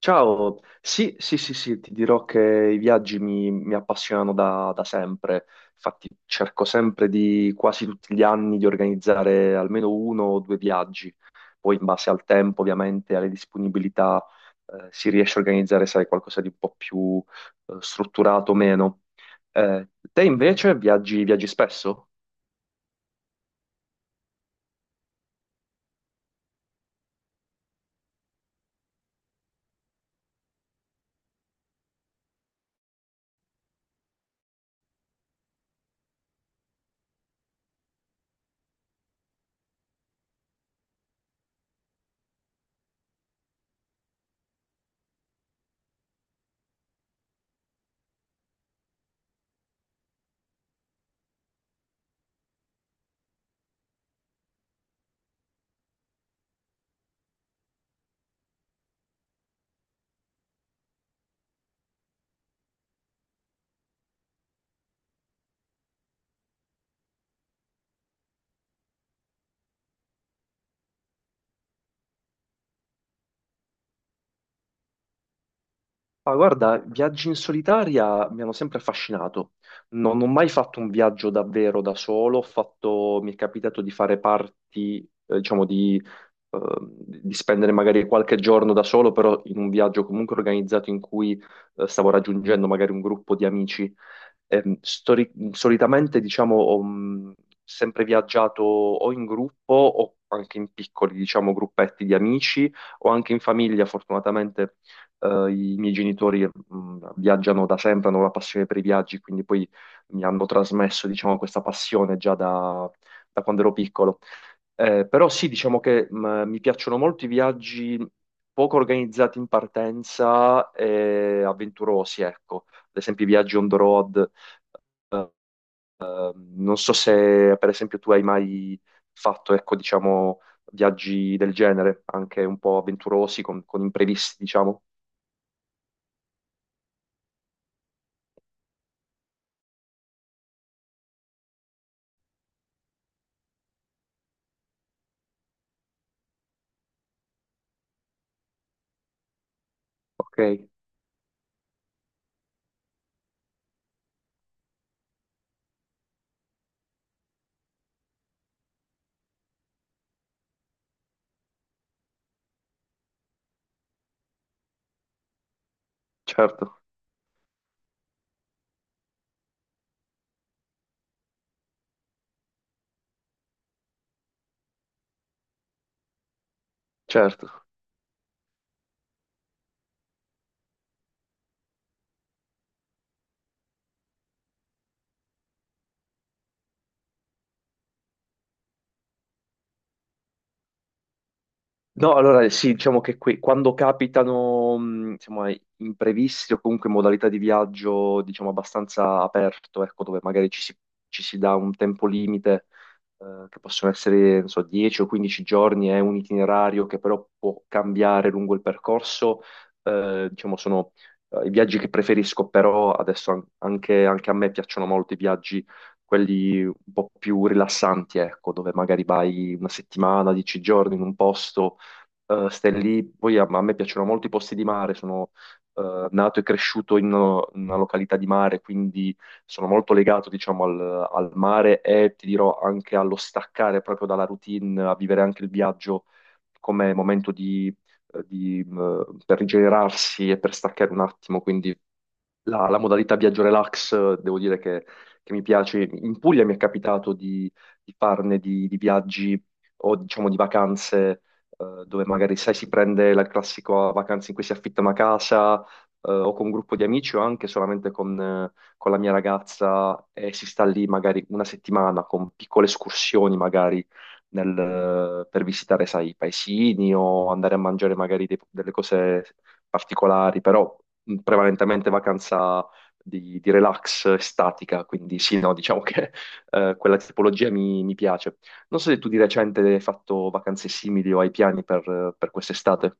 Ciao, sì, sì, sì, sì, ti dirò che i viaggi mi appassionano da sempre, infatti cerco sempre di quasi tutti gli anni di organizzare almeno uno o due viaggi, poi in base al tempo ovviamente, alle disponibilità, si riesce a organizzare, sai, qualcosa di un po' più strutturato o meno. Te invece viaggi spesso? Ah, guarda, viaggi in solitaria mi hanno sempre affascinato. Non ho mai fatto un viaggio davvero da solo, mi è capitato di fare parti, diciamo, ehm, di spendere magari qualche giorno da solo, però in un viaggio comunque organizzato in cui stavo raggiungendo magari un gruppo di amici. Solitamente, diciamo, ho sempre viaggiato o in gruppo o anche in piccoli, diciamo, gruppetti di amici o anche in famiglia. Fortunatamente, i miei genitori, viaggiano da sempre, hanno una passione per i viaggi, quindi poi mi hanno trasmesso, diciamo, questa passione già da quando ero piccolo. Però sì, diciamo che mi piacciono molto i viaggi poco organizzati in partenza e avventurosi, ecco. Ad esempio i viaggi on the road. Eh, Non so se, per esempio, tu hai mai fatto, ecco, diciamo, viaggi del genere, anche un po' avventurosi, con imprevisti, diciamo. Ok, certo, certo. No, allora sì, diciamo che qui, quando capitano, insomma, imprevisti o comunque modalità di viaggio, diciamo, abbastanza aperto, ecco, dove magari ci si dà un tempo limite, che possono essere, non so, 10 o 15 giorni, è un itinerario che però può cambiare lungo il percorso, diciamo, sono i viaggi che preferisco, però adesso anche a me piacciono molto i viaggi, quelli un po' più rilassanti, ecco, dove magari vai una settimana, 10 giorni in un posto, stai lì, poi a me piacciono molto i posti di mare, sono nato e cresciuto in una località di mare, quindi sono molto legato, diciamo, al mare e ti dirò anche allo staccare proprio dalla routine, a vivere anche il viaggio come momento per rigenerarsi e per staccare un attimo, quindi la modalità viaggio relax, devo dire che mi piace. In Puglia mi è capitato di farne di viaggi o diciamo di vacanze, dove magari sai si prende la classica vacanza in cui si affitta una casa, o con un gruppo di amici o anche solamente con la mia ragazza e si sta lì magari una settimana con piccole escursioni magari per visitare, sai, i paesini o andare a mangiare magari delle cose particolari, però prevalentemente vacanza di relax estatica, quindi sì, no, diciamo che quella tipologia mi piace. Non so se tu di recente hai fatto vacanze simili o hai piani per quest'estate.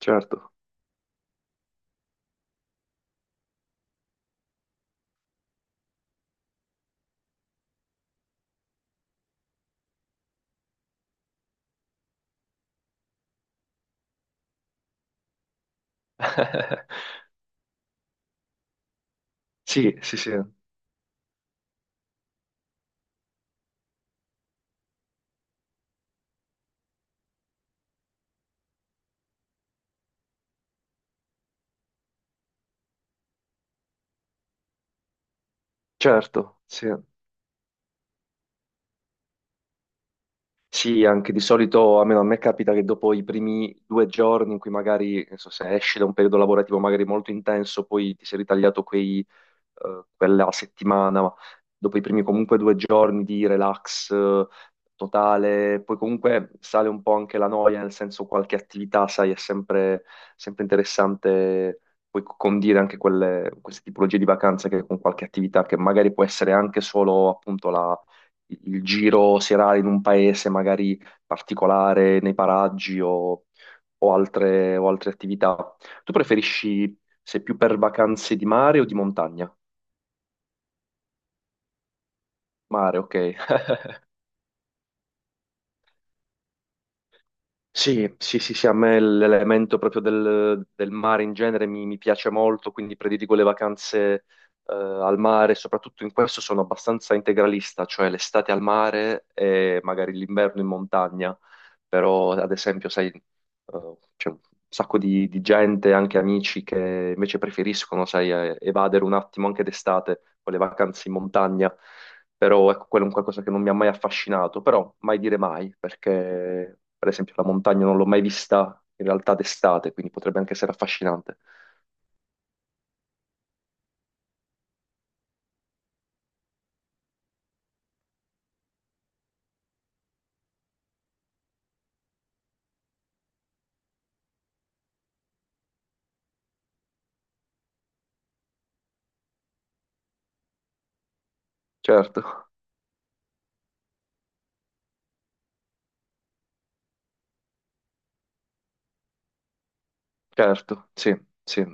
Certo. Sì, sì, sì, certo, sì. Sì, anche di solito, almeno a me capita che dopo i primi due giorni in cui magari, non so, se esci da un periodo lavorativo magari molto intenso, poi ti sei ritagliato quei quella settimana, ma dopo i primi comunque due giorni di relax totale, poi comunque sale un po' anche la noia, nel senso qualche attività, sai, è sempre interessante poi condire anche quelle, queste tipologie di vacanze che con qualche attività che magari può essere anche solo appunto il giro serale in un paese magari particolare, nei paraggi, o altre attività. Tu preferisci, sei più per vacanze di mare o di montagna? Mare, ok. Sì, sì, sì, sì, a me l'elemento proprio del mare in genere mi piace molto, quindi prediligo le vacanze al mare, soprattutto in questo sono abbastanza integralista, cioè l'estate al mare e magari l'inverno in montagna, però ad esempio, sai, c'è un sacco di gente, anche amici, che invece preferiscono, sai, evadere un attimo anche d'estate con le vacanze in montagna. Però ecco, quello è un qualcosa che non mi ha mai affascinato, però mai dire mai, perché per esempio la montagna non l'ho mai vista in realtà d'estate, quindi potrebbe anche essere affascinante. Certo, certo, sì, sì,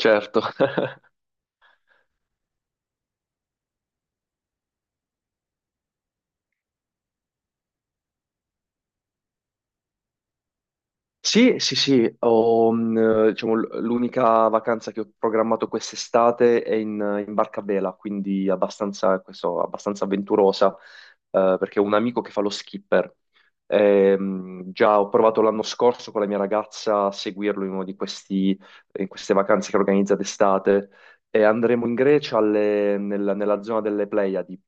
certo. Sì, sì, sì, ho, diciamo, l'unica vacanza che ho programmato quest'estate è in Barca Bela, quindi abbastanza, questo, abbastanza avventurosa, perché ho un amico che fa lo skipper. Già ho provato l'anno scorso con la mia ragazza a seguirlo in uno di questi, in queste vacanze che organizza d'estate e andremo in Grecia nella zona delle Pleiadi.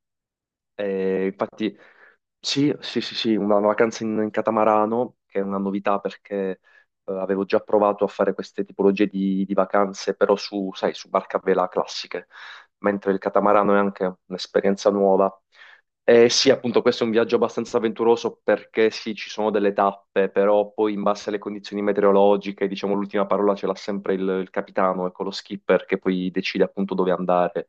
Infatti. Sì, sì, sì, sì, una vacanza in catamarano, che è una novità perché avevo già provato a fare queste tipologie di vacanze, però, sai, su barca a vela classiche, mentre il catamarano è anche un'esperienza nuova. E sì, appunto, questo è un viaggio abbastanza avventuroso perché sì, ci sono delle tappe, però poi in base alle condizioni meteorologiche, diciamo, l'ultima parola ce l'ha sempre il capitano, ecco, lo skipper che poi decide appunto dove andare,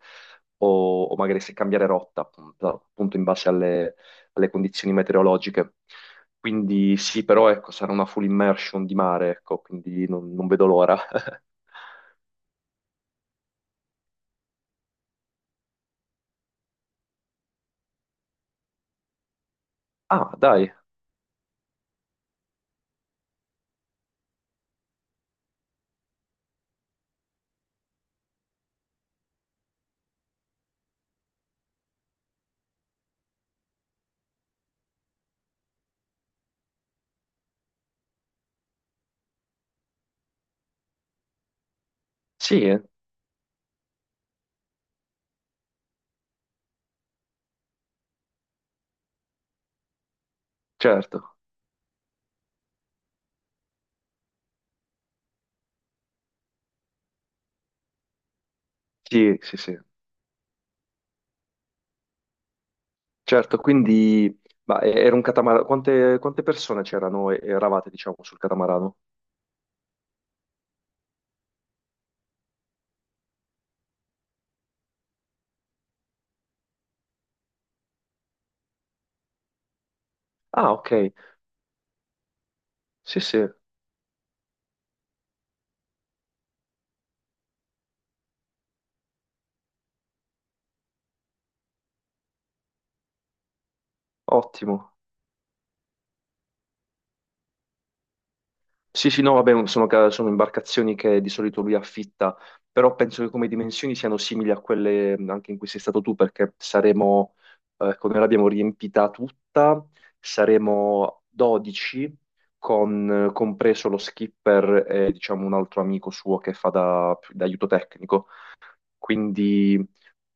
o magari se cambiare rotta, appunto in base alle condizioni meteorologiche. Quindi sì, però ecco, sarà una full immersion di mare, ecco, quindi non vedo l'ora. Ah, dai, sì, certo, sì, sì, sì, certo, quindi, ma era un catamarano, quante persone c'erano e eravate, diciamo, sul catamarano? Ah, ok, sì, sì, ottimo. Sì, sì, no, vabbè, sono imbarcazioni che di solito lui affitta, però penso che come dimensioni siano simili a quelle, anche in cui sei stato tu, perché saremo, come l'abbiamo riempita tutta, saremo 12, compreso lo skipper e diciamo un altro amico suo che fa da aiuto tecnico. Quindi,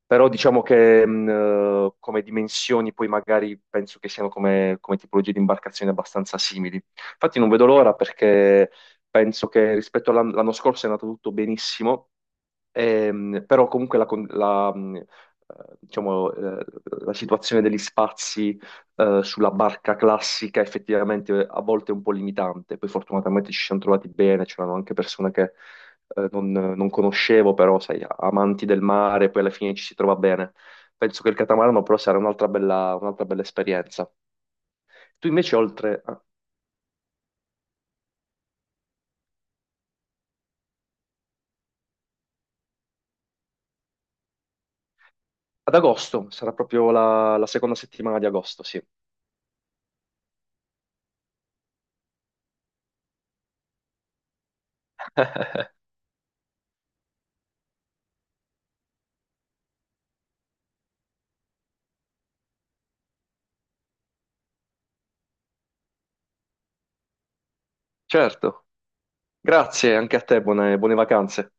però diciamo che come dimensioni poi magari penso che siano, come tipologie di imbarcazioni, abbastanza simili. Infatti non vedo l'ora perché penso che rispetto all'anno scorso è andato tutto benissimo. Però comunque diciamo, la situazione degli spazi sulla barca classica effettivamente a volte è un po' limitante. Poi fortunatamente ci siamo trovati bene, c'erano anche persone che non conoscevo, però sai, amanti del mare, poi alla fine ci si trova bene. Penso che il catamarano però sarà un'altra bella esperienza. Tu invece oltre a- Ad agosto, sarà proprio la seconda settimana di agosto, sì. Certo, grazie anche a te, buone vacanze.